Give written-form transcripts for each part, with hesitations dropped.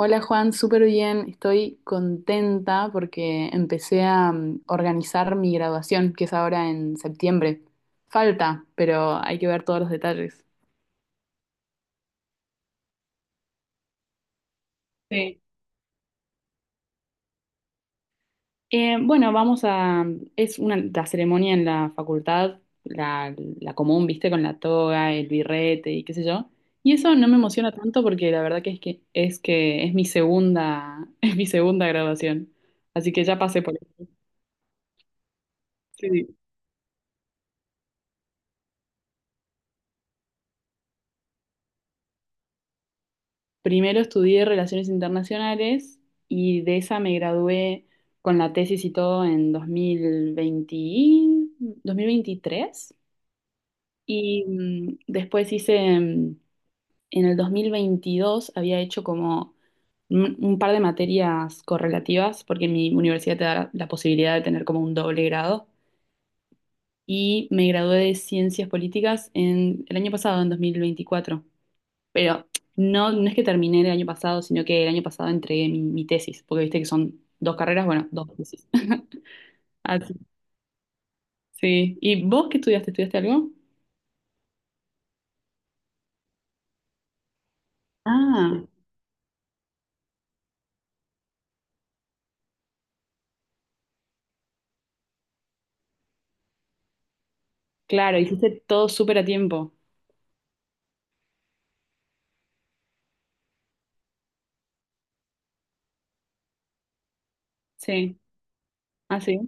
Hola Juan, súper bien. Estoy contenta porque empecé a organizar mi graduación, que es ahora en septiembre. Falta, pero hay que ver todos los detalles. Sí. Bueno, vamos a... mm, Es una, la ceremonia en la facultad, la, la común, viste, con la toga, el birrete y qué sé yo. Y eso no me emociona tanto porque la verdad que es que es que es mi segunda, es mi segunda graduación. Así que ya pasé por eso. Sí. Primero estudié Relaciones Internacionales y de esa me gradué con la tesis y todo en 2020, 2023. Y después hice, en el 2022 había hecho como un par de materias correlativas, porque mi universidad te da la posibilidad de tener como un doble grado. Y me gradué de Ciencias Políticas en el año pasado, en 2024. Pero no, no es que terminé el año pasado, sino que el año pasado entregué mi tesis, porque viste que son dos carreras, bueno, dos tesis. Así, sí. ¿Y vos qué estudiaste? ¿Estudiaste algo? Ah, claro, hiciste todo súper a tiempo. Sí. Ah, sí,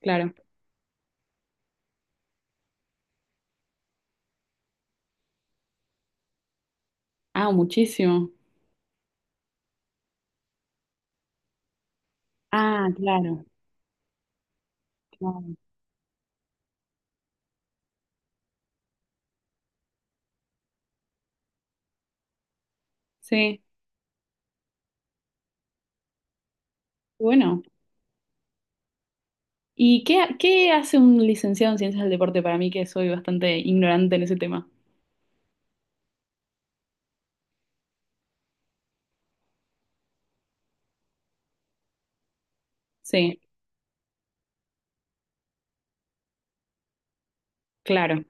claro. Ah, muchísimo. Ah, claro, claro. Sí, bueno. ¿Y qué, qué hace un licenciado en ciencias del deporte para mí, que soy bastante ignorante en ese tema? Sí, claro.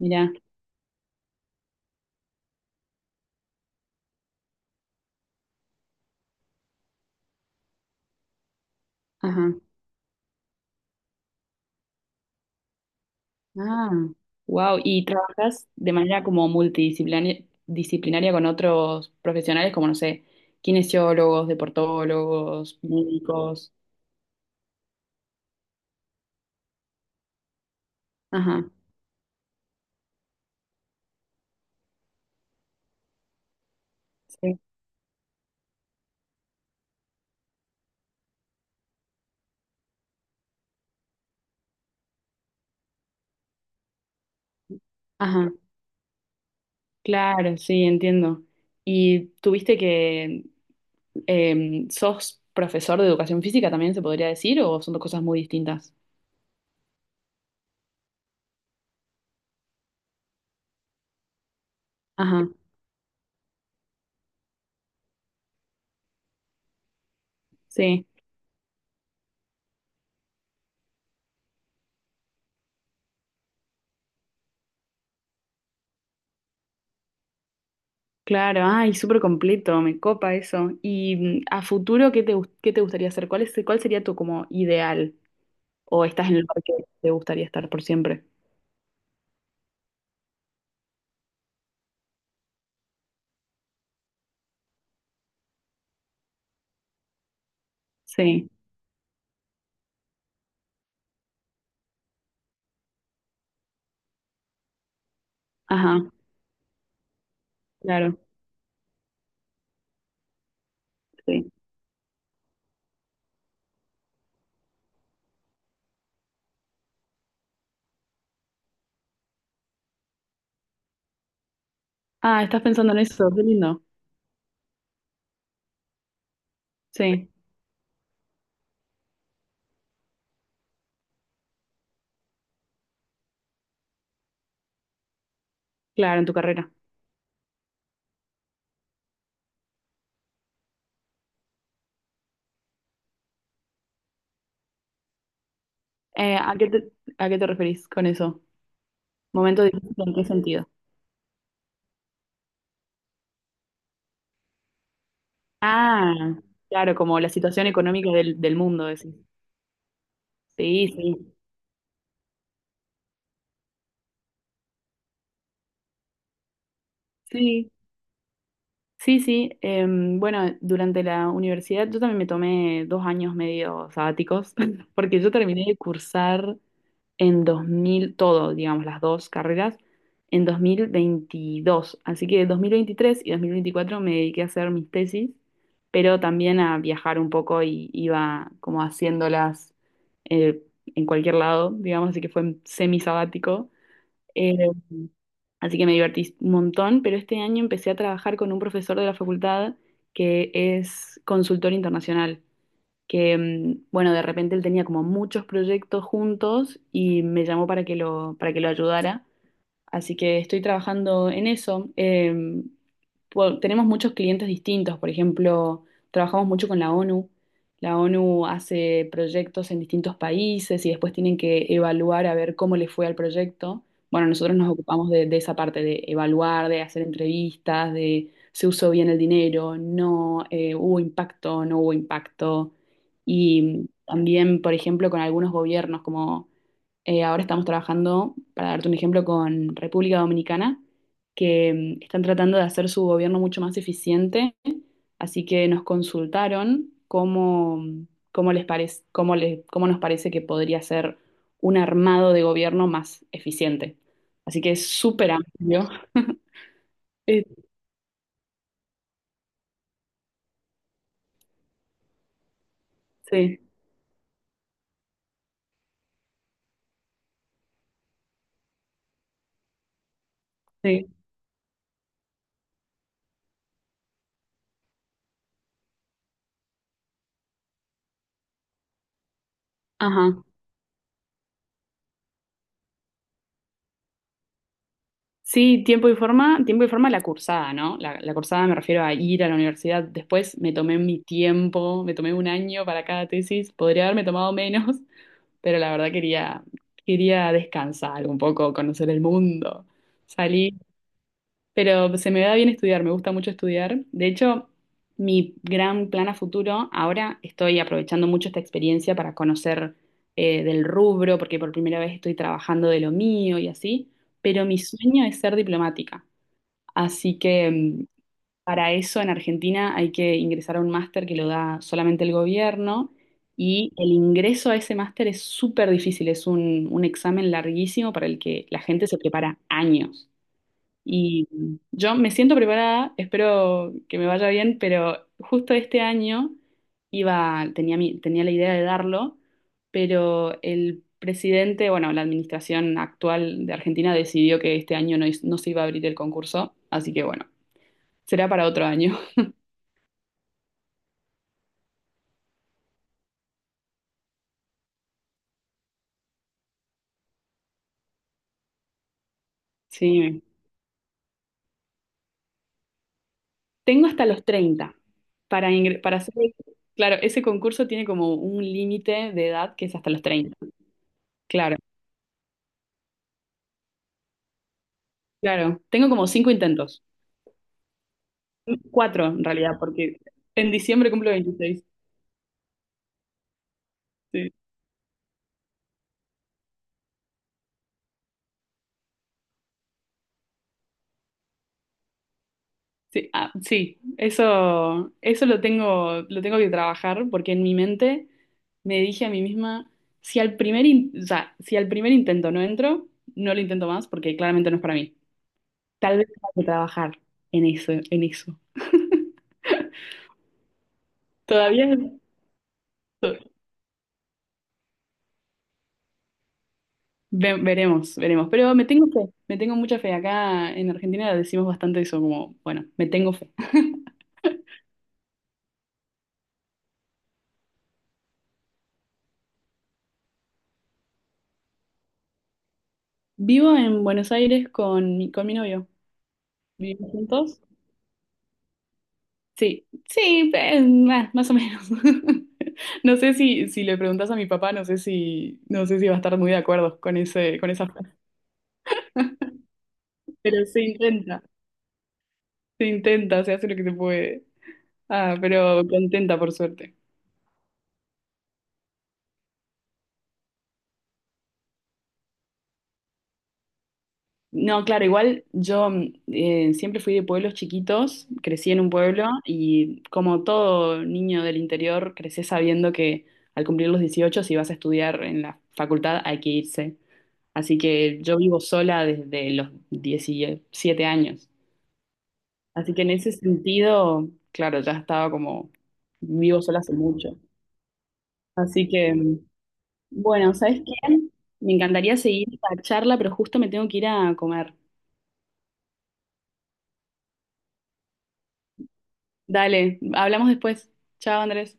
Mirá. Ajá. Ah, wow. ¿Y trabajas de manera como multidisciplinaria disciplinaria con otros profesionales como, no sé, kinesiólogos, deportólogos, médicos? Ajá, sí. Ajá, claro, sí, entiendo. ¿Y tuviste que, sos profesor de educación física también, se podría decir, o son dos cosas muy distintas? Ajá, sí. Claro, ay, súper completo, me copa eso. Y a futuro, ¿qué te, gust- qué te gustaría hacer? ¿Cuál es, cuál sería tu como ideal? ¿O estás en el lugar que te gustaría estar por siempre? Sí, ajá, claro, sí. Ah, estás pensando en eso, qué lindo. Sí, claro, en tu carrera. Eh, ¿a qué te, a qué te referís con eso? ¿Momento difícil en qué sentido? Ah, claro, como la situación económica del, del mundo, decís. Sí, sí, sí, sí, sí. Bueno, durante la universidad yo también me tomé dos años medio sabáticos, porque yo terminé de cursar en 2000 todo, digamos, las dos carreras, en 2022. Así que 2023 y 2024 me dediqué a hacer mis tesis, pero también a viajar un poco y iba como haciéndolas eh, en cualquier lado, digamos, así que fue semi sabático. Así que me divertí un montón, pero este año empecé a trabajar con un profesor de la facultad que es consultor internacional, que, bueno, de repente él tenía como muchos proyectos juntos y me llamó para que lo ayudara. Así que estoy trabajando en eso. Po- tenemos muchos clientes distintos, por ejemplo, trabajamos mucho con la ONU. La ONU hace proyectos en distintos países y después tienen que evaluar a ver cómo le fue al proyecto. Bueno, nosotros nos ocupamos de esa parte, de evaluar, de hacer entrevistas, de se usó bien el dinero, no hubo impacto, no hubo impacto. Y también, por ejemplo, con algunos gobiernos como ahora estamos trabajando, para darte un ejemplo, con República Dominicana, que están tratando de hacer su gobierno mucho más eficiente, así que nos consultaron cómo les parece, cómo nos parece que podría ser un armado de gobierno más eficiente. Así que es súper amplio. Eh, sí, sí. Ajá. Sí, tiempo y forma la cursada, ¿no? La cursada me refiero a ir a la universidad. Después me tomé mi tiempo, me tomé un año para cada tesis. Podría haberme tomado menos, pero la verdad quería descansar un poco, conocer el mundo, salir. Pero se me da bien estudiar, me gusta mucho estudiar. De hecho, mi gran plan a futuro, ahora estoy aprovechando mucho esta experiencia para conocer del rubro, porque por primera vez estoy trabajando de lo mío y así. Pero mi sueño es ser diplomática. Así que para eso en Argentina hay que ingresar a un máster que lo da solamente el gobierno y el ingreso a ese máster es súper difícil, es un examen larguísimo para el que la gente se prepara años. Y yo me siento preparada, espero que me vaya bien, pero justo este año iba, tenía la idea de darlo, pero el presidente, bueno, la administración actual de Argentina decidió que este año no, no se iba a abrir el concurso, así que bueno. Será para otro año. Sí. Tengo hasta los 30 para ingre- para hacer. Claro, ese concurso tiene como un límite de edad que es hasta los 30. Claro, claro. Tengo como cinco intentos. Cuatro en realidad, porque en diciembre cumplo 26. Sí. Sí, ah, sí. Eso lo tengo, que trabajar porque en mi mente me dije a mí misma, si o sea, si al primer intento no entro, no lo intento más porque claramente no es para mí. Tal vez hay que trabajar en eso, en eso. Todavía no- ve- veremos, veremos. Pero me tengo fe, me tengo mucha fe. Acá en Argentina decimos bastante eso, como, bueno, me tengo fe. Vivo en Buenos Aires con mi novio. ¿Vivimos juntos? Sí, sí, más o menos. No sé si le preguntas a mi papá, no sé si va a estar muy de acuerdo con esa frase. Pero se intenta, se intenta, se hace lo que se puede. Ah, pero contenta por suerte. No, claro, igual yo siempre fui de pueblos chiquitos, crecí en un pueblo y como todo niño del interior, crecí sabiendo que al cumplir los 18 si vas a estudiar en la facultad, hay que irse. Así que yo vivo sola desde los 17 años. Así que en ese sentido, claro, ya estaba como vivo sola hace mucho. Así que, bueno, ¿sabes qué? Me encantaría seguir esta charla, pero justo me tengo que ir a comer. Dale, hablamos después. Chao, Andrés.